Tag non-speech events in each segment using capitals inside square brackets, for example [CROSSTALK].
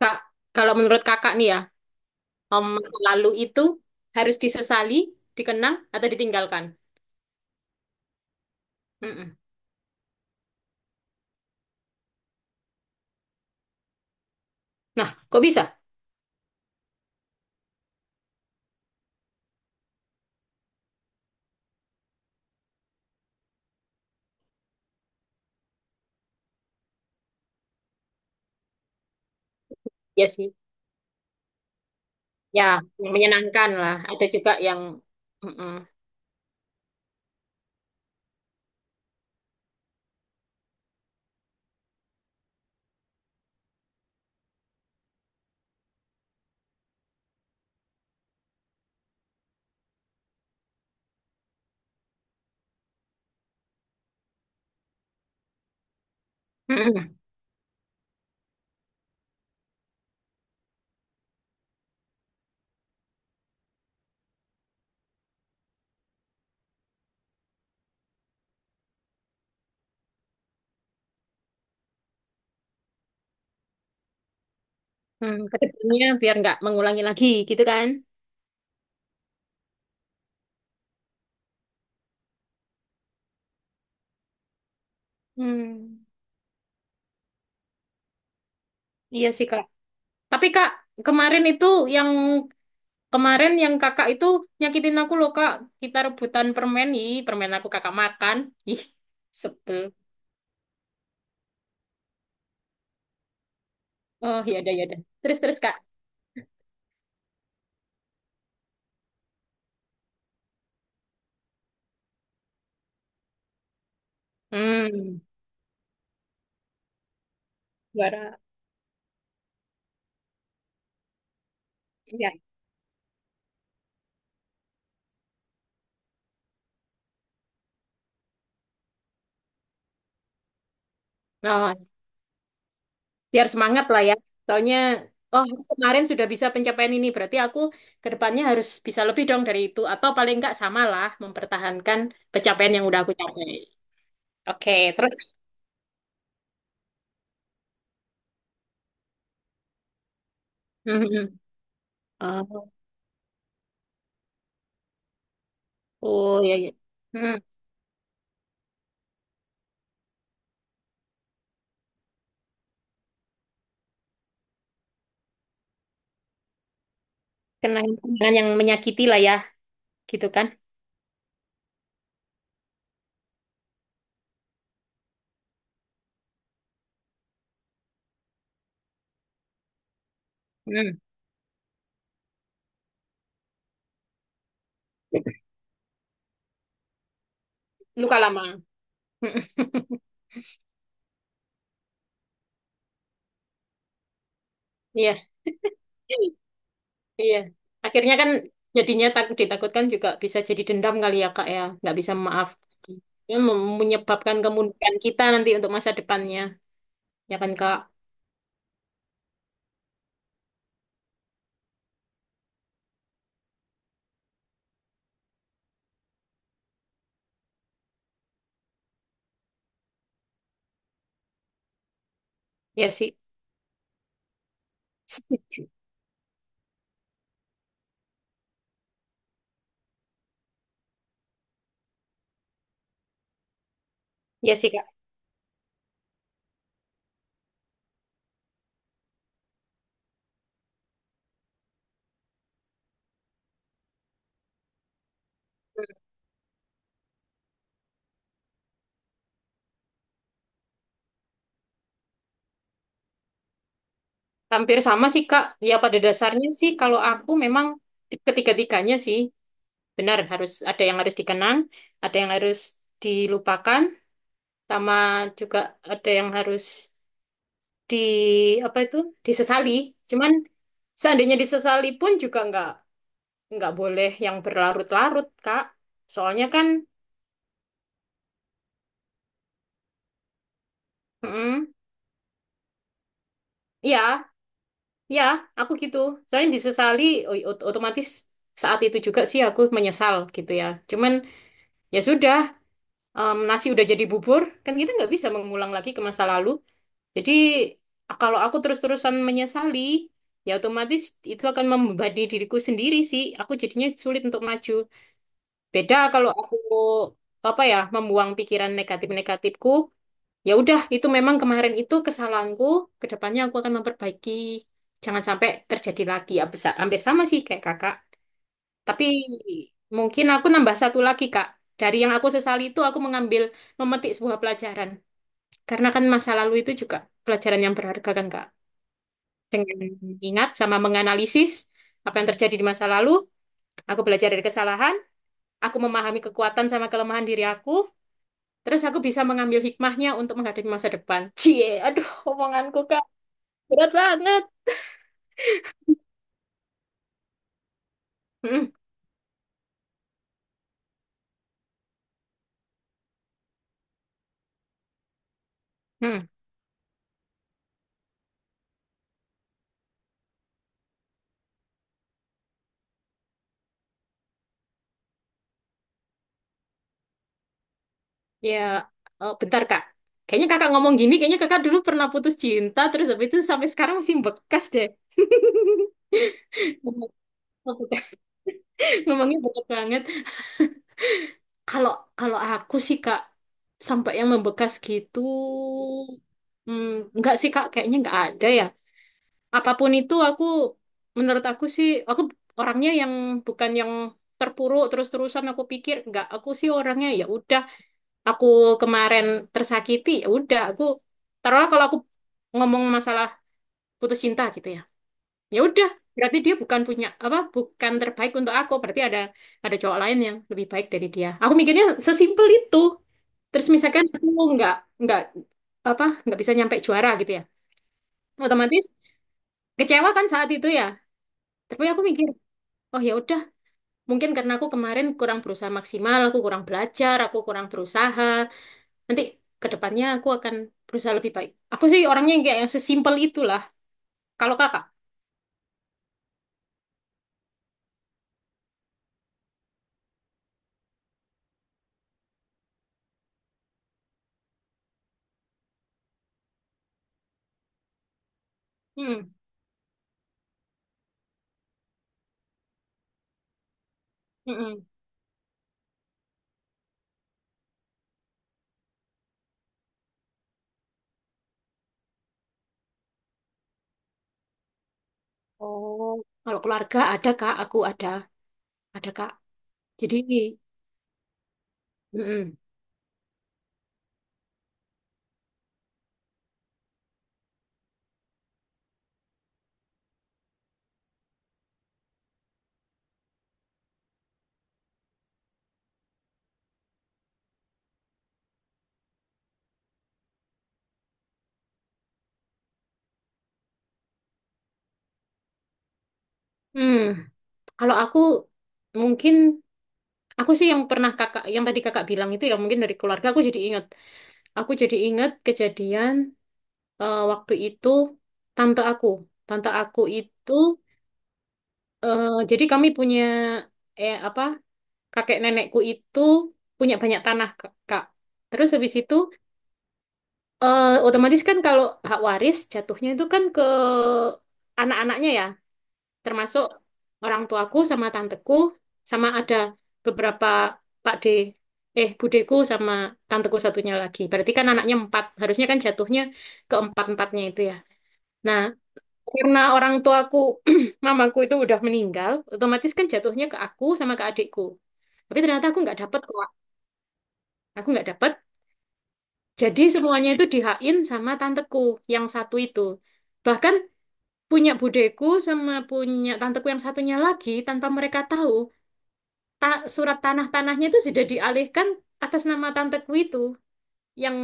Kak, kalau menurut kakak nih ya, masa lalu itu harus disesali, dikenang, atau ditinggalkan. Mm-mm. Nah, kok bisa? Ya sih. Ya, yang menyenangkan lah. Ada juga yang mm-mm. Mm-mm. Hmm, ke depannya biar nggak mengulangi lagi gitu kan. Hmm, iya sih Kak. Tapi Kak, kemarin itu yang yang kakak itu nyakitin aku loh Kak. Kita rebutan permen, ih permen aku kakak makan. Ih, sebel. Oh, ya udah ya udah. Terus terus Kak. Hmm. Juara. Iya. Oh, biar semangat lah ya. Soalnya, oh aku kemarin sudah bisa pencapaian ini, berarti aku ke depannya harus bisa lebih dong dari itu. Atau paling enggak samalah mempertahankan pencapaian yang udah aku capai. Oke, terus. [LAUGHS] Mhm. Oh, oh ya, ya. Hmm. Kenangan-kenangan yang menyakiti lah ya, gitu kan? Hmm. Luka lama. [LAUGHS] Mhm. Iya. Iya. Akhirnya kan jadinya tak, ditakutkan juga bisa jadi dendam kali ya Kak ya. Nggak bisa memaafkan. Ya, menyebabkan kemunduran kita nanti untuk masa depannya. Ya kan Kak? Ya sih. [LAUGHS] Ya sih Kak. Hampir sama sih Kak. Ya pada dasarnya sih kalau aku memang ketiga-tiganya sih benar harus ada yang harus dikenang, ada yang harus dilupakan, sama juga ada yang harus di apa itu disesali. Cuman seandainya disesali pun juga nggak boleh yang berlarut-larut, Kak. Soalnya kan, mm, ya, ya, aku gitu. Soalnya disesali, otomatis saat itu juga sih aku menyesal gitu ya. Cuman ya sudah, nasi udah jadi bubur, kan kita nggak bisa mengulang lagi ke masa lalu. Jadi kalau aku terus-terusan menyesali, ya otomatis itu akan membebani diriku sendiri sih. Aku jadinya sulit untuk maju. Beda kalau aku apa ya, membuang pikiran negatif-negatifku. Ya udah, itu memang kemarin itu kesalahanku. Kedepannya aku akan memperbaiki. Jangan sampai terjadi lagi. Ya, hampir sama sih kayak kakak. Tapi mungkin aku nambah satu lagi, Kak. Dari yang aku sesali itu, aku mengambil, memetik sebuah pelajaran. Karena kan masa lalu itu juga pelajaran yang berharga kan, Kak. Dengan ingat sama menganalisis apa yang terjadi di masa lalu, aku belajar dari kesalahan, aku memahami kekuatan sama kelemahan diri aku, terus aku bisa mengambil hikmahnya untuk menghadapi masa depan. Cie, aduh, omonganku, Kak. Berat banget. Hmm, hmm. Ya, bentar Kak. Kayaknya kakak ngomong gini, kayaknya kakak dulu pernah putus cinta, terus habis itu sampai sekarang masih bekas deh. [LAUGHS] [LAUGHS] Ngomongnya berat banget. Kalau kalau aku sih Kak, sampai yang membekas gitu, hmm, nggak sih Kak, kayaknya nggak ada ya. Apapun itu aku, menurut aku sih, aku orangnya yang bukan yang terpuruk terus-terusan aku pikir nggak aku sih orangnya ya udah aku kemarin tersakiti ya udah aku taruhlah kalau aku ngomong masalah putus cinta gitu ya ya udah berarti dia bukan punya apa bukan terbaik untuk aku berarti ada cowok lain yang lebih baik dari dia aku mikirnya sesimpel itu terus misalkan aku nggak nggak apa nggak bisa nyampe juara gitu ya otomatis kecewa kan saat itu ya tapi aku mikir oh ya udah mungkin karena aku kemarin kurang berusaha maksimal aku kurang belajar aku kurang berusaha. Nanti ke depannya aku akan berusaha lebih baik. Aku sih orangnya yang kayak yang sesimpel itulah. Kalau kakak, mm-mm. Mm-mm. Kalau keluarga ada kak, aku ada kak. Jadi, mm-mm. Hmm. Kalau aku mungkin aku sih yang pernah kakak, yang tadi kakak bilang itu ya mungkin dari keluarga aku jadi ingat. Aku jadi ingat kejadian waktu itu tante aku, tante aku itu eh, jadi kami punya eh apa? Kakek nenekku itu punya banyak tanah, Kak. Terus habis itu, otomatis kan kalau hak waris jatuhnya itu kan ke anak-anaknya ya, termasuk orang tuaku sama tanteku, sama ada beberapa Pak D, eh budeku sama tanteku satunya lagi. Berarti kan anaknya empat, harusnya kan jatuhnya ke empat-empatnya itu ya. Nah, karena orang tuaku, [CLEARS THROAT] mamaku itu udah meninggal, otomatis kan jatuhnya ke aku sama ke adikku. Tapi ternyata aku nggak dapet kok aku nggak dapet. Jadi semuanya itu dihain sama tanteku yang satu itu. Bahkan punya budeku sama punya tanteku yang satunya lagi tanpa mereka tahu surat tanah-tanahnya itu sudah dialihkan atas nama tanteku itu yang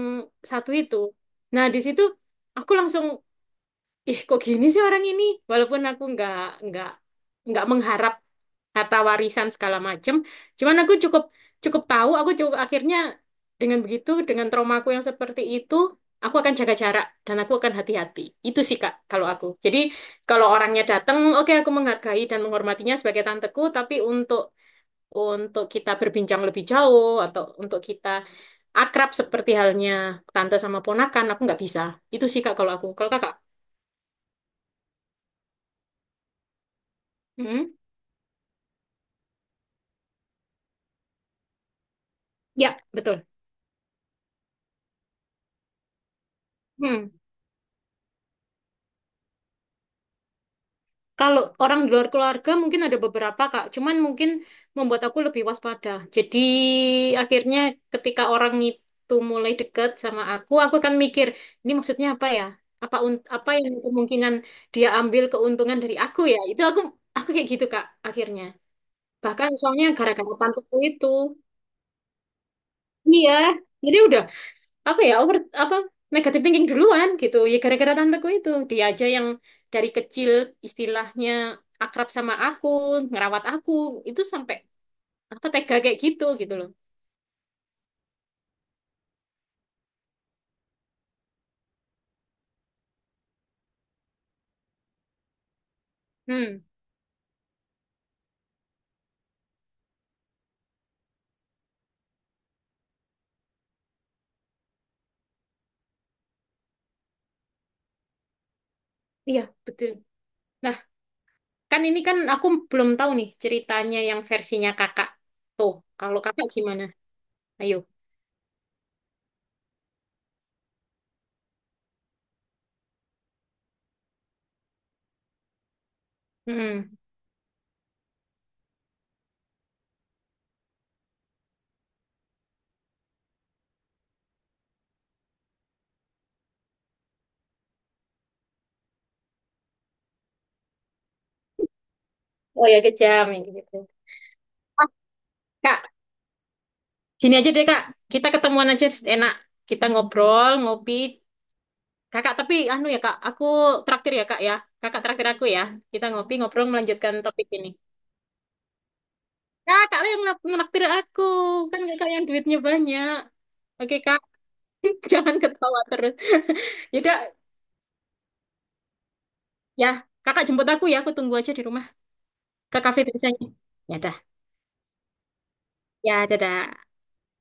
satu itu. Nah di situ aku langsung ih kok gini sih orang ini walaupun aku nggak nggak mengharap harta warisan segala macem cuman aku cukup cukup tahu aku cukup akhirnya dengan begitu dengan traumaku yang seperti itu aku akan jaga jarak dan aku akan hati-hati itu sih kak kalau aku jadi kalau orangnya datang oke aku menghargai dan menghormatinya sebagai tanteku tapi untuk kita berbincang lebih jauh atau untuk kita akrab seperti halnya tante sama ponakan aku nggak bisa itu sih kak kalau aku kalau kakak. Mm-hmm. Ya, betul. Hmm. Kalau orang di luar keluarga mungkin ada beberapa, Kak. Cuman mungkin membuat aku lebih waspada. Jadi akhirnya ketika orang itu mulai dekat sama aku akan mikir, ini maksudnya apa ya? Apa yang kemungkinan dia ambil keuntungan dari aku ya? Itu aku kayak gitu, Kak, akhirnya. Bahkan soalnya gara-gara tanteku itu. Iya. Jadi udah apa ya over apa negative thinking duluan gitu ya gara-gara tanteku itu dia aja yang dari kecil istilahnya akrab sama aku ngerawat aku itu sampai apa tega kayak gitu gitu loh. Hmm iya betul nah kan ini kan aku belum tahu nih ceritanya yang versinya kakak tuh kalau kakak gimana ayo hmm oh ya kejam ya gitu. Ah, kak gini aja deh kak kita ketemuan aja enak kita ngobrol ngopi. Kakak, tapi anu ya kak, aku traktir ya kak ya. Kakak traktir aku ya. Kita ngopi ngobrol melanjutkan topik ini. Kakak lah yang menraktir aku, kan kakak yang duitnya banyak. Oke kak, [LAUGHS] jangan ketawa terus. Yaudah, ya kakak jemput aku ya, aku tunggu aja di rumah ke kafe biasanya. Ya dah, ya dadah.